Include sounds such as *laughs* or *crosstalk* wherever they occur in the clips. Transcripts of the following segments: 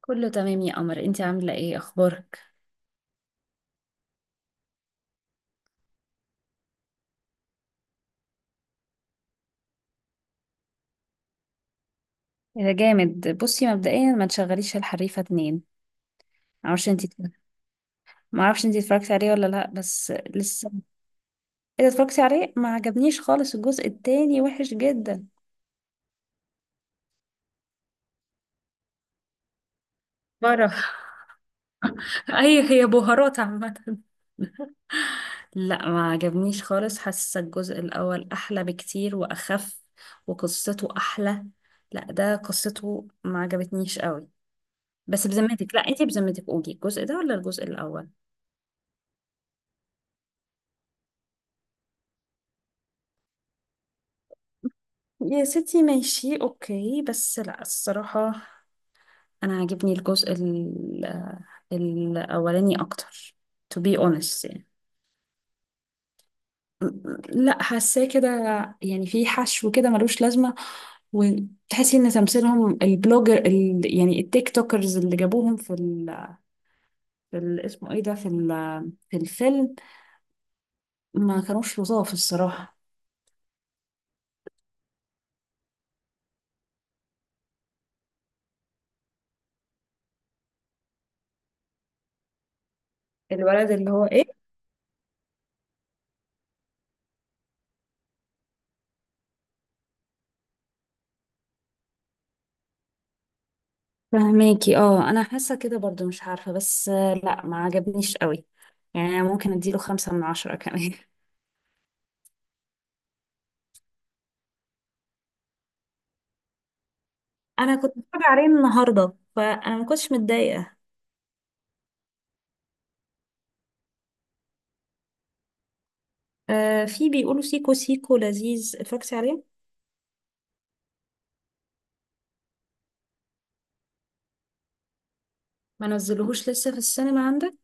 كله تمام يا قمر، انت عاملة ايه؟ اخبارك؟ ايه ده جامد. بصي مبدئيا ما تشغليش الحريفه 2. معرفش انتي معرفش انتي اتفرجتي عليه ولا لا؟ بس لسه. اذا اتفرجتي عليه ما عجبنيش خالص، الجزء التاني وحش جدا. برا *laughs* اي، هي بهارات عامة. *laughs* لا ما عجبنيش خالص، حاسة الجزء الاول احلى بكتير واخف وقصته احلى. لا ده قصته ما عجبتنيش قوي. بس بذمتك، لا انت بذمتك قولي، الجزء ده ولا الجزء الاول؟ يا ستي ماشي اوكي، بس لا الصراحة انا عاجبني الاولاني اكتر. To be honest يعني. لا حاساه كده، يعني في حشو كده ملوش لازمة. وتحسي ان تمثيلهم، البلوجر ال يعني التيك توكرز اللي جابوهم في ال اسمه ايه ده في الفيلم، ما كانوش لطاف الصراحة. الولد اللي هو ايه. فهماكي؟ اه انا حاسه كده برضو، مش عارفه بس لا ما عجبنيش قوي، يعني أنا ممكن اديله 5/10 كمان *laughs* انا كنت بتفرج عليه النهارده، فانا ما كنتش متضايقه. آه في بيقولوا سيكو سيكو لذيذ، اتفرجتي عليه؟ ما نزلوهوش لسه في السينما عندك.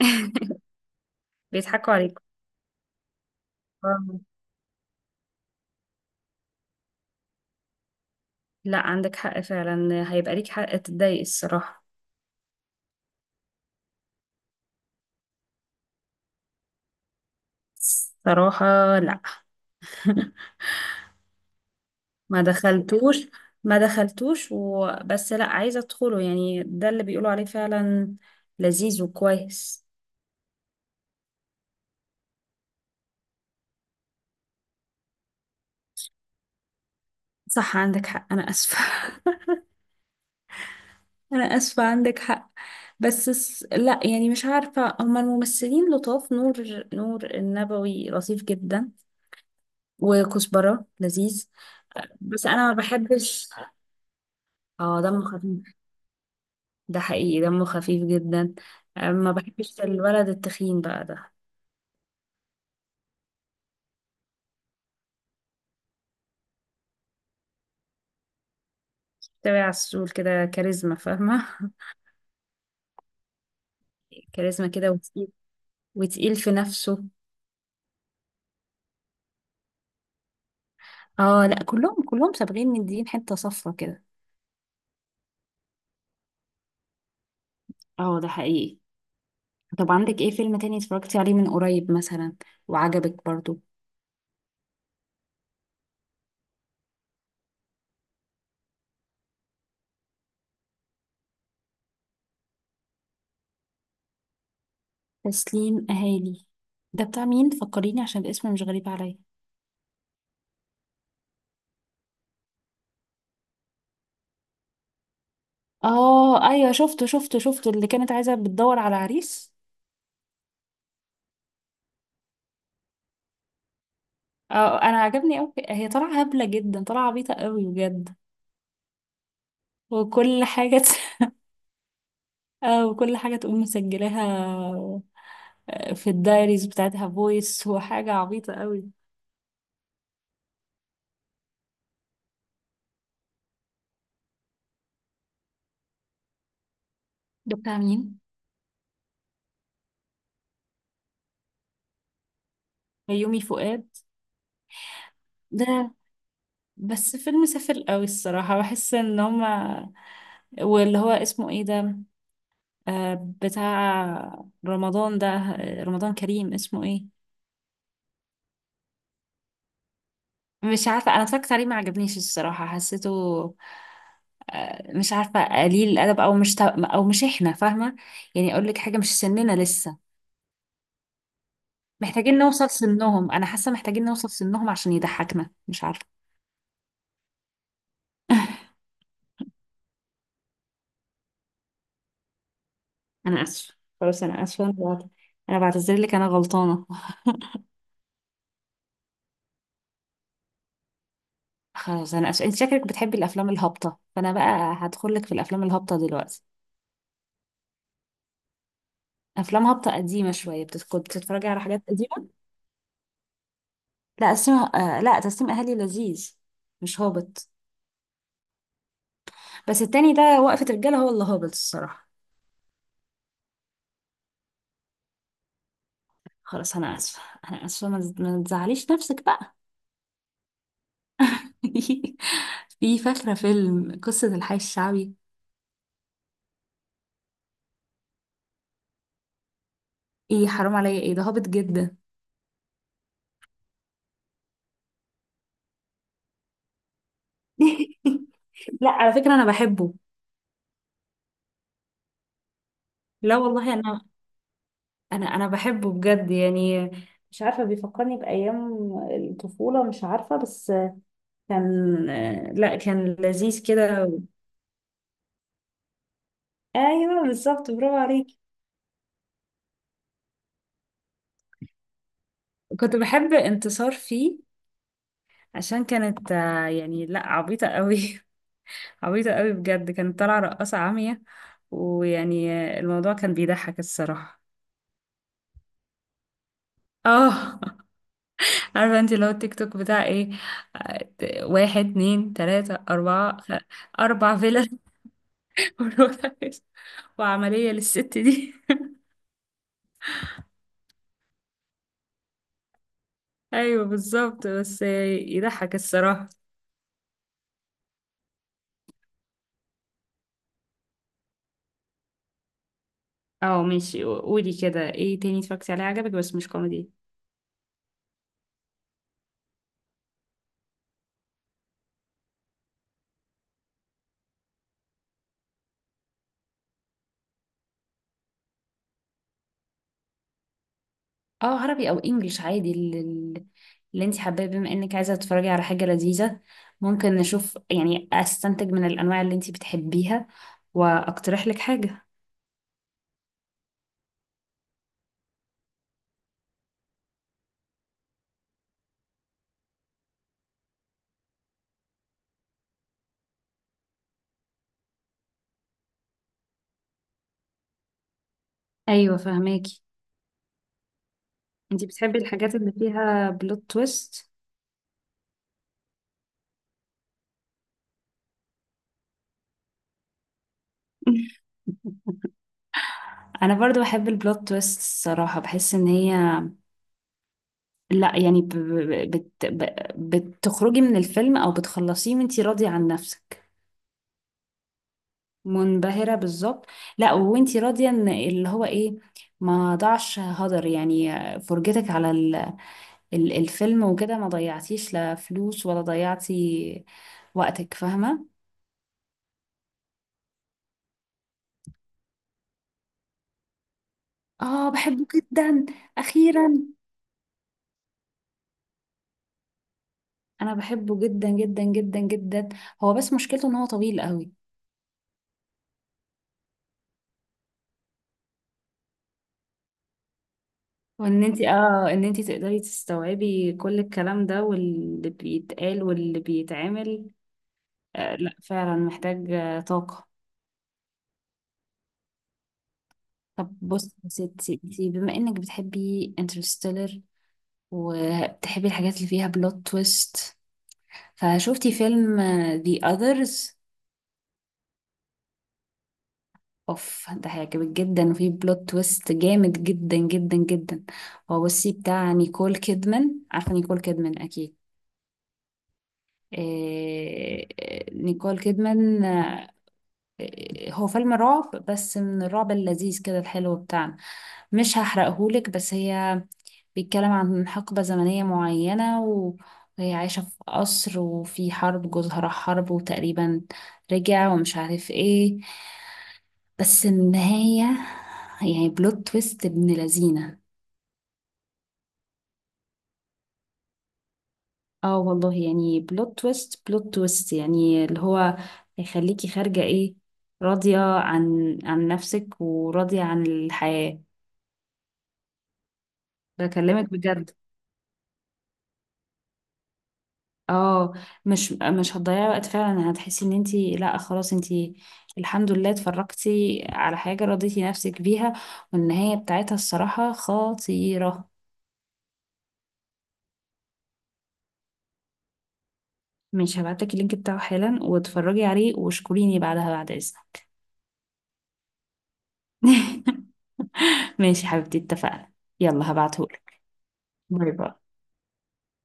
*laughs* بيضحكوا عليك. آه. لا عندك حق فعلا، هيبقى ليك حق تتضايق الصراحه. صراحه لا. *laughs* ما دخلتوش ما دخلتوش وبس، لا عايزة ادخله، يعني ده اللي بيقولوا عليه فعلا لذيذ وكويس. صح عندك حق، انا اسفة. *laughs* انا اسفة عندك حق. بس لا يعني مش عارفة، هما الممثلين لطاف، نور النبوي لطيف جدا، وكزبرة لذيذ، بس انا ما بحبش. اه دمه خفيف، ده حقيقي دمه خفيف جدا. ما بحبش الولد التخين بقى ده. تبع على السول كده، كاريزما فاهمة؟ كاريزما كده وتقيل، وتقيل في نفسه. اه لا كلهم سابقين مدين حتة صفرة كده. اه ده حقيقي. طب عندك ايه فيلم تاني اتفرجتي عليه من قريب مثلا وعجبك برضو؟ تسليم اهالي؟ ده بتاع مين فكريني، عشان الاسم مش غريب عليا. اه ايوه، شفته شفته شفته، اللي كانت عايزه بتدور على عريس. اه انا عجبني قوي، هي طالعه هبله جدا، طالعه عبيطه قوي بجد، وكل حاجه *laughs* اه وكل حاجه تقوم مسجلاها في الدايريز بتاعتها فويس، وحاجة عبيطة قوي. ده بتاع مين؟ يومي فؤاد ده؟ بس فيلم سافل قوي الصراحة، بحس ان هما واللي هو اسمه ايه ده، آه بتاع رمضان ده، رمضان كريم اسمه ايه. مش عارفة، انا اتفرجت عليه ما عجبنيش الصراحة، حسيته مش عارفة قليل الادب، او مش تا... او مش احنا فاهمة. يعني اقول لك حاجة، مش سننا لسه، محتاجين نوصل سنهم، انا حاسة محتاجين نوصل سنهم عشان يضحكنا، مش عارفة. انا اسفه. خلاص انا اسفه، انا بعتذر لك، انا غلطانه. خلاص انا اسفه، انت شكلك بتحبي الافلام الهابطه، فانا بقى هدخل لك في الافلام الهابطه دلوقتي. افلام هابطه قديمه شويه، كنت بتتفرجي على حاجات قديمه. لا اسمها، آه لا تسليم اهلي لذيذ مش هابط، بس التاني ده وقفه رجاله هو اللي هابط الصراحه. خلاص انا اسفه، ما تزعليش نفسك بقى. *laughs* في فاكره فيلم قصه الحي الشعبي؟ ايه حرام عليا، ايه ده هابط جدا؟ *laughs* لا على فكره انا بحبه. لا والله، انا انا بحبه بجد يعني، مش عارفه بيفكرني بايام الطفوله، مش عارفه بس كان، لا كان لذيذ كده. ايوه بالظبط، برافو عليك. كنت بحب انتصار فيه، عشان كانت يعني لا عبيطه قوي *laughs* عبيطه قوي بجد، كانت طالعه رقاصه عاميه، ويعني الموضوع كان بيضحك الصراحه. اه *laughs* عارفه انت لو التيك توك بتاع ايه؟ آه، واحد اتنين تلاته اربعه 4 فيلا. *laughs* بروتاكس وعملية للست دي. *laughs* ايوه بالظبط، بس يضحك الصراحة. اه ماشي، قولي كده ايه تاني اتفرجتي عليه عجبك بس مش كوميدي؟ اه عربي او انجليش عادي، اللي، اللي انت حباه، بما انك عايزه تتفرجي على حاجه لذيذه ممكن نشوف، يعني استنتج من الانواع اللي انت بتحبيها واقترح لك حاجه. ايوه فهماكي. انت بتحبي الحاجات اللي فيها بلوت تويست. *laughs* انا برضو بحب البلوت تويست الصراحه، بحس ان هي، لا يعني بت... ب... بتخرجي من الفيلم او بتخلصيه وانتي راضية عن نفسك. منبهرة بالظبط. لا وانتي راضية ان اللي هو ايه، ما ضاعش هدر يعني، فرجتك على الفيلم وكده، ما ضيعتيش لا فلوس ولا ضيعتي وقتك، فاهمة؟ اه بحبه جدا. اخيرا، انا بحبه جدا جدا جدا جدا، هو بس مشكلته ان هو طويل قوي. وان انت اه ان انت تقدري تستوعبي كل الكلام ده واللي بيتقال واللي بيتعمل. آه لا فعلا محتاج طاقة. طب بصي يا ستي، انتي بما انك بتحبي انترستيلر وبتحبي الحاجات اللي فيها بلوت تويست، فشوفتي فيلم The Others؟ اوف ده هيعجبك جدا، وفيه بلوت تويست جامد جدا جدا جدا. هو بصي بتاع نيكول كيدمان، عارفة نيكول كيدمان اكيد. نيكول كيدمان، هو فيلم رعب بس من الرعب اللذيذ كده الحلو بتاعنا. مش هحرقهولك، بس هي بيتكلم عن حقبة زمنية معينة وهي عايشة في قصر، وفي حرب جوزها راح حرب وتقريبا رجع ومش عارف ايه، بس النهاية يعني بلوت تويست ابن لذينة. اه والله يعني، بلوت تويست يعني اللي هو هيخليكي خارجة ايه، راضية عن نفسك وراضية عن الحياة، بكلمك بجد. اه مش هتضيعي وقت فعلا، هتحسي ان انتي لا خلاص انتي الحمد لله اتفرجتي على حاجة رضيتي نفسك بيها، والنهاية بتاعتها الصراحة خطيرة. مش هبعتلك اللينك بتاعه حالا، واتفرجي عليه واشكريني بعدها بعد اذنك. *laughs* ماشي حبيبتي اتفقنا، يلا هبعتهولك. باي باي.